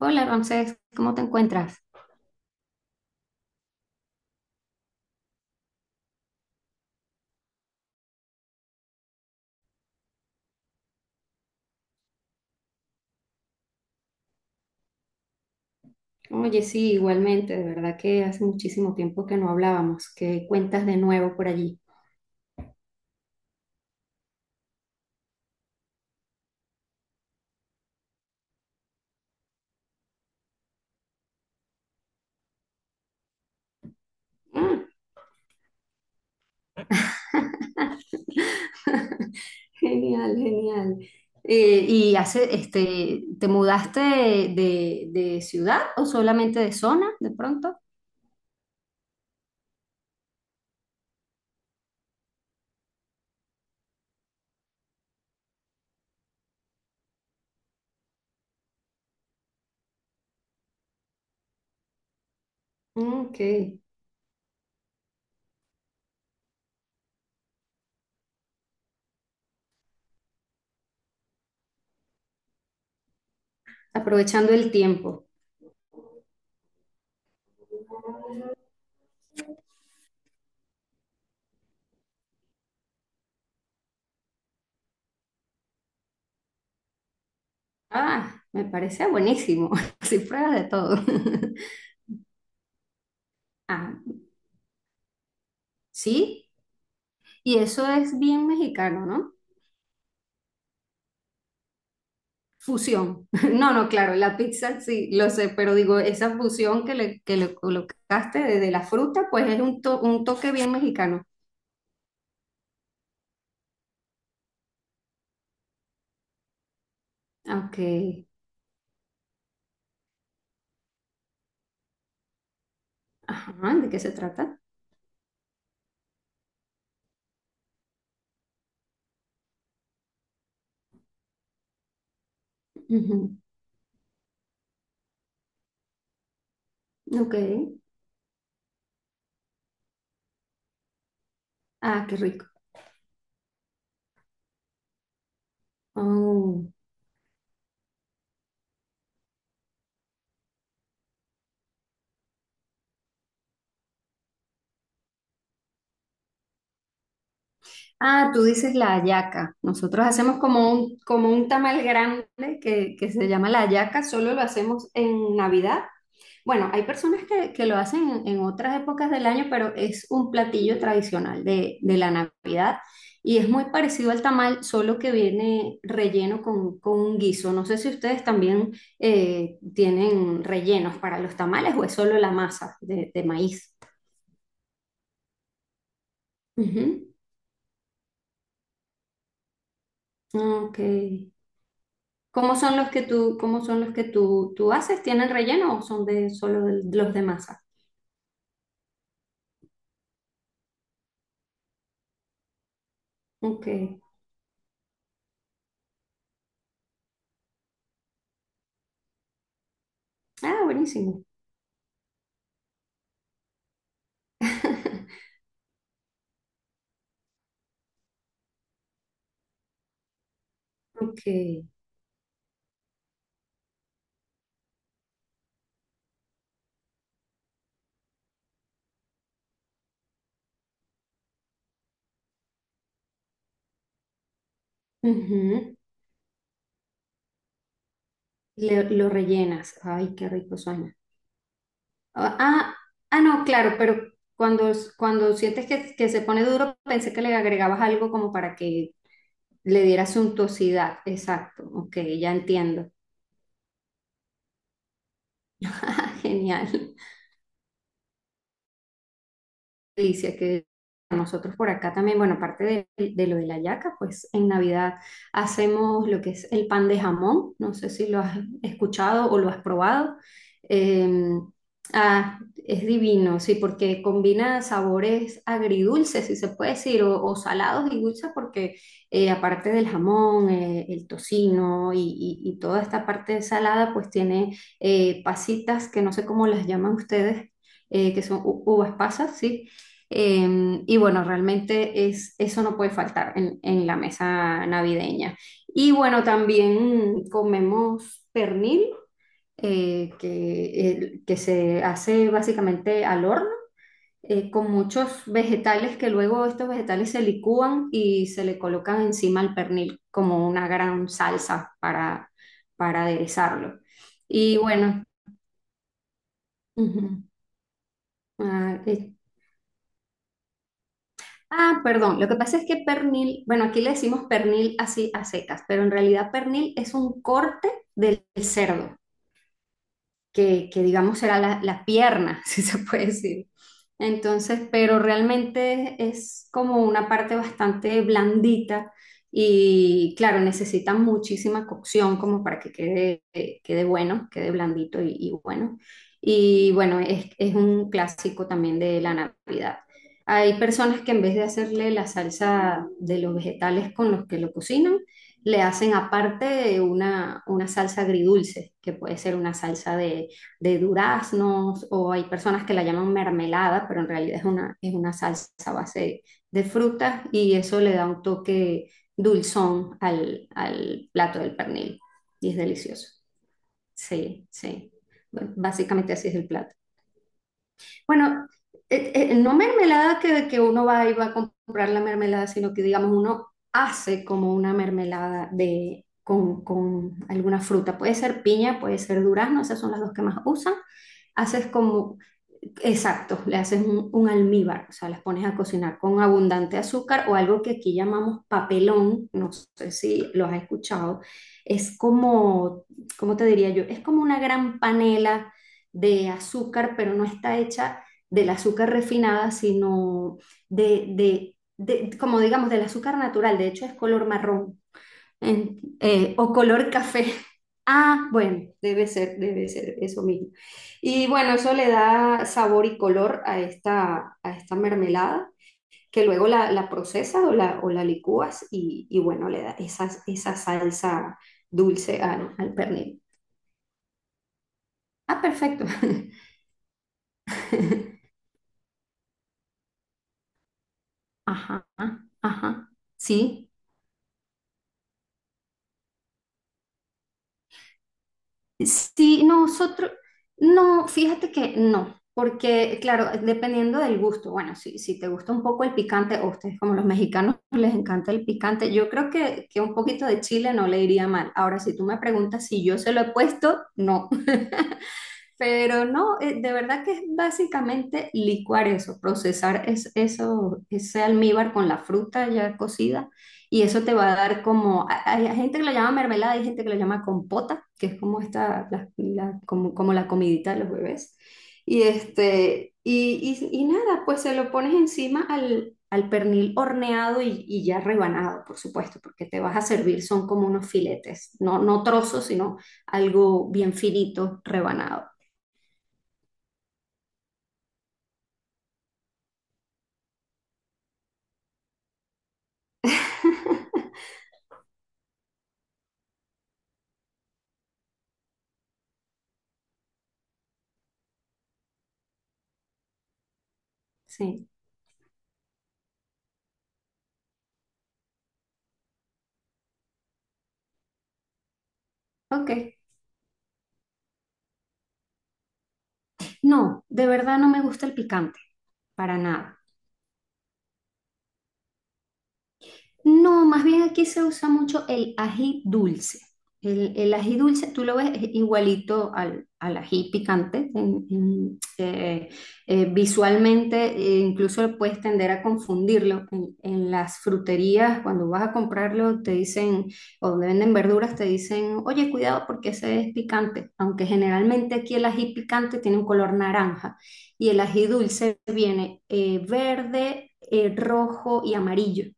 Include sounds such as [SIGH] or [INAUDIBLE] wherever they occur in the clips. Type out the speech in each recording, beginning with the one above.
Hola Ramsés, ¿cómo te encuentras? Oye, sí, igualmente, de verdad que hace muchísimo tiempo que no hablábamos. ¿Qué cuentas de nuevo por allí? Mm. [LAUGHS] Genial, genial. ¿Y hace, este, te mudaste de ciudad o solamente de zona de pronto? Mm. Ok. Aprovechando el tiempo. Ah, me parece buenísimo, [LAUGHS] así pruebas de todo. [LAUGHS] Ah, sí, y eso es bien mexicano, ¿no? Fusión. [LAUGHS] No, no, claro, la pizza sí, lo sé, pero digo, esa fusión que le colocaste de la fruta, pues es un toque bien mexicano. Ok. Ajá, ¿de qué se trata? Ujú. Ok. Ah, qué rico. Oh. Ah, tú dices la hallaca. Nosotros hacemos como un tamal grande que se llama la hallaca, solo lo hacemos en Navidad. Bueno, hay personas que lo hacen en otras épocas del año, pero es un platillo tradicional de la Navidad y es muy parecido al tamal, solo que viene relleno con un guiso. No sé si ustedes también tienen rellenos para los tamales o es solo la masa de maíz. Ujú. Ok. ¿Cómo son los que tú haces? ¿Tienen relleno o son de solo los de masa? Ok. Ah, buenísimo. [LAUGHS] Ok. Ujú. Lo rellenas. Ay, qué rico suena. Ah, ah, ah, no, claro, pero cuando sientes que se pone duro, pensé que le agregabas algo como para que le diera suntuosidad. Exacto, ok, ya entiendo. [LAUGHS] Genial. Delicia que nosotros por acá también, bueno, aparte de lo de la yaca, pues en Navidad hacemos lo que es el pan de jamón, no sé si lo has escuchado o lo has probado. Eh, ah, es divino, sí, porque combina sabores agridulces, si se puede decir, o salados y dulces, porque aparte del jamón, el tocino y toda esta parte salada, pues tiene pasitas que no sé cómo las llaman ustedes, que son uvas pasas, sí, y bueno, realmente es, eso no puede faltar en la mesa navideña. Y bueno, también comemos pernil, que se hace básicamente al horno, con muchos vegetales que luego estos vegetales se licúan y se le colocan encima al pernil como una gran salsa para aderezarlo. Y bueno, ujú, ah. Ah, perdón, lo que pasa es que pernil, bueno, aquí le decimos pernil así a secas, pero en realidad pernil es un corte del cerdo que digamos era la pierna, [LAUGHS] si se puede decir. Entonces, pero realmente es como una parte bastante blandita y claro, necesita muchísima cocción como para que quede, quede bueno, quede blandito y bueno. Y bueno, es un clásico también de la Navidad. Hay personas que en vez de hacerle la salsa de los vegetales con los que lo cocinan, le hacen aparte una salsa agridulce, que puede ser una salsa de duraznos, o hay personas que la llaman mermelada, pero en realidad es una salsa a base de frutas y eso le da un toque dulzón al plato del pernil. Y es delicioso. Sí, sí. Bueno, básicamente así es el plato. Bueno, no mermelada que uno va y va a comprar la mermelada, sino que digamos uno hace como una mermelada con alguna fruta. Puede ser piña, puede ser durazno, esas son las dos que más usan. haces como, exacto, le haces un almíbar, o sea, las pones a cocinar con abundante azúcar o algo que aquí llamamos papelón, no sé si lo has escuchado. Es como, ¿cómo te diría yo? Es como una gran panela de azúcar, pero no está hecha del azúcar refinada, sino de, como digamos, del azúcar natural, de hecho es color marrón o color café. [LAUGHS] Ah, bueno, debe ser eso mismo. Y bueno, eso le da sabor y color a esta mermelada, que luego la procesas o la licúas y bueno, le da esa salsa dulce al pernil. Ah, perfecto. [LAUGHS] Ajá, ajá. Sí. Sí, nosotros, no, fíjate que no, porque claro, dependiendo del gusto, bueno, si te gusta un poco el picante, o ustedes como los mexicanos [LAUGHS] les encanta el picante, yo creo que un poquito de chile no le iría mal. Ahora, si tú me preguntas si yo se lo he puesto, no, pero no, de verdad que es básicamente licuar eso, procesar eso, ese almíbar con la fruta ya cocida y eso te va a dar como, hay gente que lo llama mermelada, hay gente que lo llama compota, que es como esta, como la comidita de los bebés. Y este, y nada, pues se lo pones encima al pernil horneado y ya rebanado, por supuesto, porque te vas a servir, son como unos filetes, no, no trozos, sino algo bien finito, rebanado. [LAUGHS] Sí, ok. No, de verdad no me gusta el picante, para nada. No, más bien aquí se usa mucho el ají dulce. El ají dulce, tú lo ves es igualito al ají picante. Visualmente, incluso puedes tender a confundirlo. En las fruterías, cuando vas a comprarlo, te dicen, o donde venden verduras, te dicen, oye, cuidado porque ese es picante. Aunque generalmente aquí el ají picante tiene un color naranja y el ají dulce viene verde, rojo y amarillo.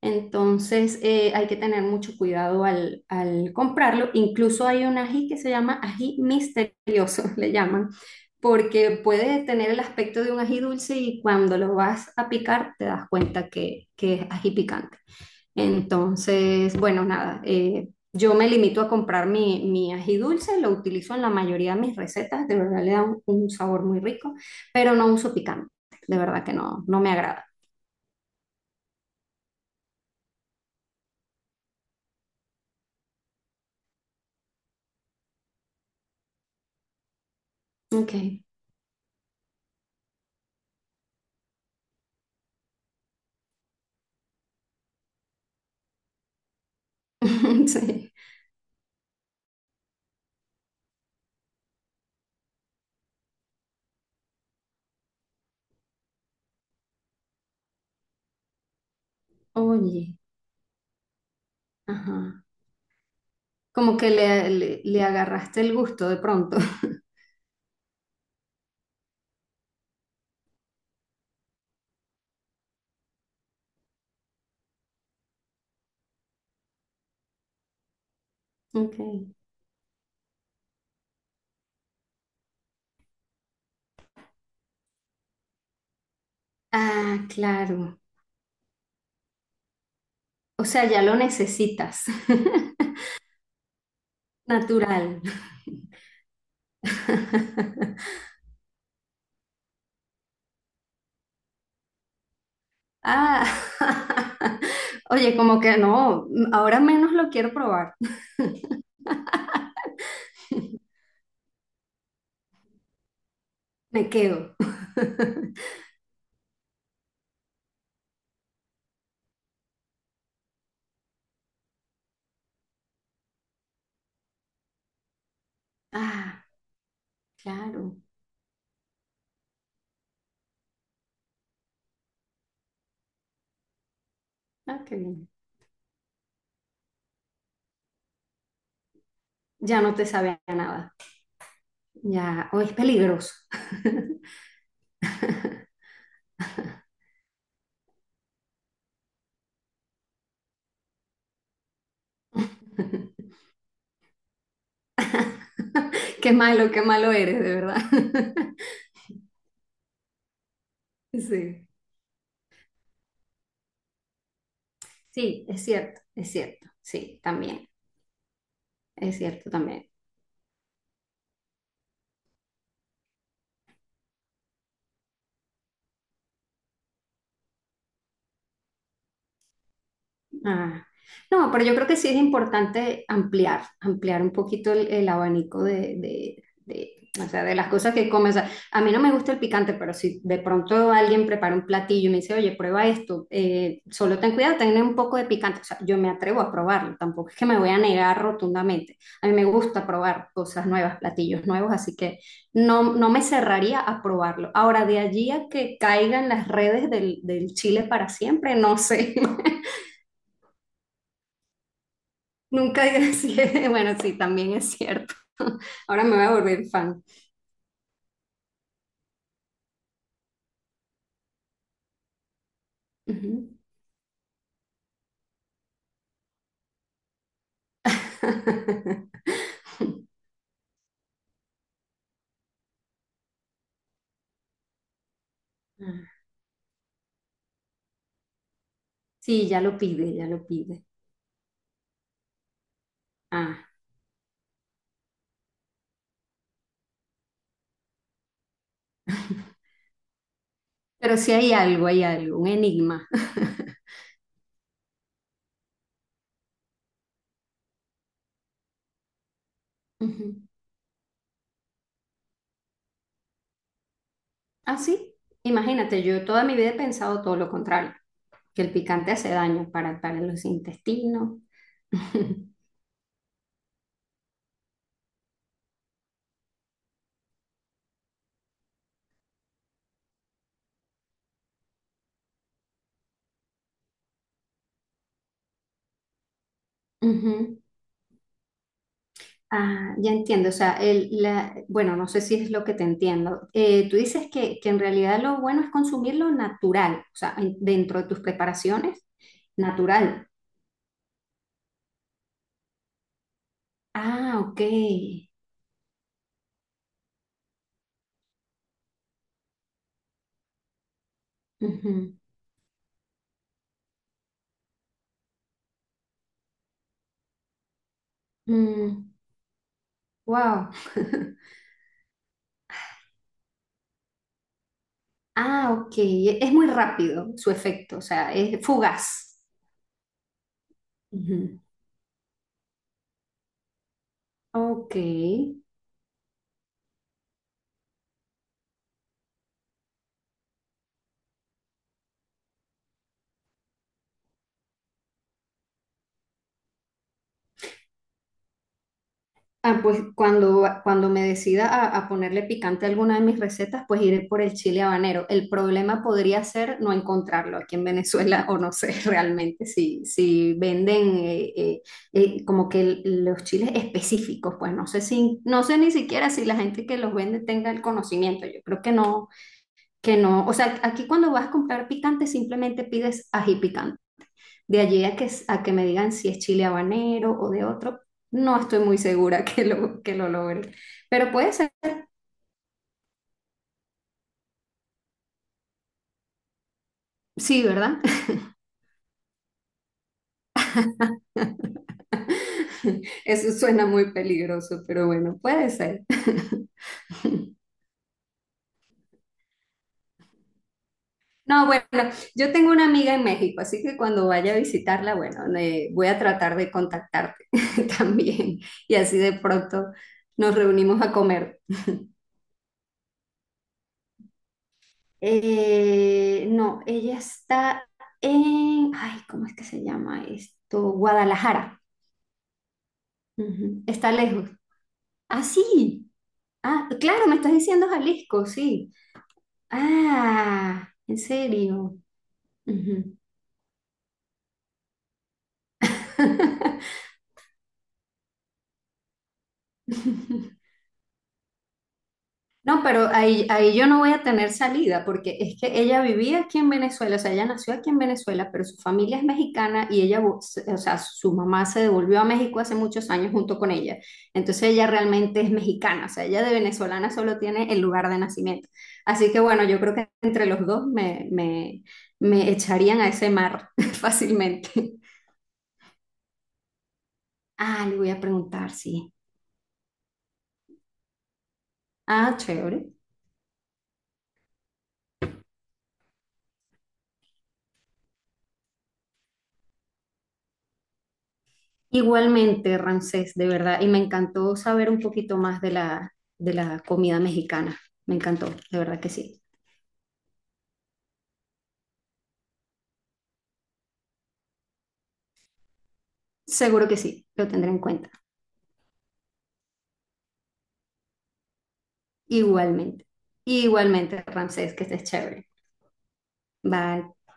Entonces hay que tener mucho cuidado al comprarlo. Incluso hay un ají que se llama ají misterioso, [LAUGHS] le llaman, porque puede tener el aspecto de un ají dulce y cuando lo vas a picar te das cuenta que es ají picante. Entonces, bueno, nada, yo me limito a comprar mi ají dulce, lo utilizo en la mayoría de mis recetas, de verdad le da un sabor muy rico, pero no uso picante, de verdad que no, no me agrada. Ok, [LAUGHS] sí. Oye. Ajá. Como que le agarraste el gusto de pronto. [LAUGHS] Ok. Ah, claro. O sea, ya lo necesitas. [LAUGHS] Natural. [LAUGHS] Ah. [LAUGHS] Oye, como que no, ahora menos lo quiero probar. Me quedo. [LAUGHS] Ah, claro. Ah, qué bien. Ya no te sabía nada. Ya, o es peligroso. [LAUGHS] Qué malo eres, de verdad. [LAUGHS] Sí. Sí, es cierto, sí, también, es cierto también. Ah, no, pero yo creo que sí es importante ampliar, ampliar un poquito el abanico de, o sea, de las cosas que comes. O sea, a mí no me gusta el picante, pero si de pronto alguien prepara un platillo y me dice, oye, prueba esto, solo ten cuidado, ten un poco de picante. O sea, yo me atrevo a probarlo, tampoco es que me voy a negar rotundamente. A mí me gusta probar cosas nuevas, platillos nuevos, así que no, no me cerraría a probarlo. Ahora, de allí a que caigan las redes del chile para siempre, no sé. [LAUGHS] Nunca digas. [LAUGHS] Bueno, sí, también es cierto. Ahora me voy a volver fan. Ujú. [LAUGHS] Sí, ya lo pide, ya lo pide. Ah, pero sí hay algo, un enigma. Ujú. Ah, sí. Imagínate, yo toda mi vida he pensado todo lo contrario, que el picante hace daño para los intestinos. [LAUGHS] Ujú. Ah, ya entiendo, o sea, el, la, bueno, no sé si es lo que te entiendo. Tú dices que en realidad lo bueno es consumir lo natural, o sea, dentro de tus preparaciones, natural. Ah, ok. Ujú. Mm, wow. Ah, ok. Es muy rápido su efecto, o sea, es fugaz. Ujú. Ok. Ah, pues cuando me decida a ponerle picante a alguna de mis recetas, pues iré por el chile habanero. El problema podría ser no encontrarlo aquí en Venezuela o no sé [LAUGHS] realmente si venden como que los chiles específicos, pues no sé ni siquiera si la gente que los vende tenga el conocimiento. Yo creo que no, que no. O sea, aquí cuando vas a comprar picante simplemente pides ají picante. De allí a que me digan si es chile habanero o de otro, no estoy muy segura [LAUGHS] que lo logre. Pero puede ser, sí, ¿verdad? [LAUGHS] Eso suena muy peligroso, pero bueno, puede ser. [LAUGHS] No, bueno, yo tengo una amiga en México, así que cuando vaya a visitarla, bueno, voy a tratar de contactarte [LAUGHS] también y así de pronto nos reunimos a comer. No, ella está en, ay, ¿cómo es que se llama esto? Guadalajara. Ujú. Está lejos. Ah, sí. Ah, claro, me estás diciendo Jalisco, sí. Ah, en serio. Ujú. [LAUGHS] No, pero ahí, ahí yo no voy a tener salida porque es que ella vivía aquí en Venezuela, o sea, ella nació aquí en Venezuela, pero su familia es mexicana y ella, o sea, su mamá se devolvió a México hace muchos años junto con ella. Entonces ella realmente es mexicana, o sea, ella de venezolana solo tiene el lugar de nacimiento. Así que bueno, yo creo que entre los dos me echarían a ese mar [LAUGHS] fácilmente. Ah, le voy a preguntar, sí. Ah, chévere. Igualmente, Ramsés, de verdad, y me encantó saber un poquito más de la comida mexicana. Me encantó, de verdad que sí. Seguro que sí, lo tendré en cuenta. Igualmente. Igualmente, Ramsés, que estés chévere. Bye.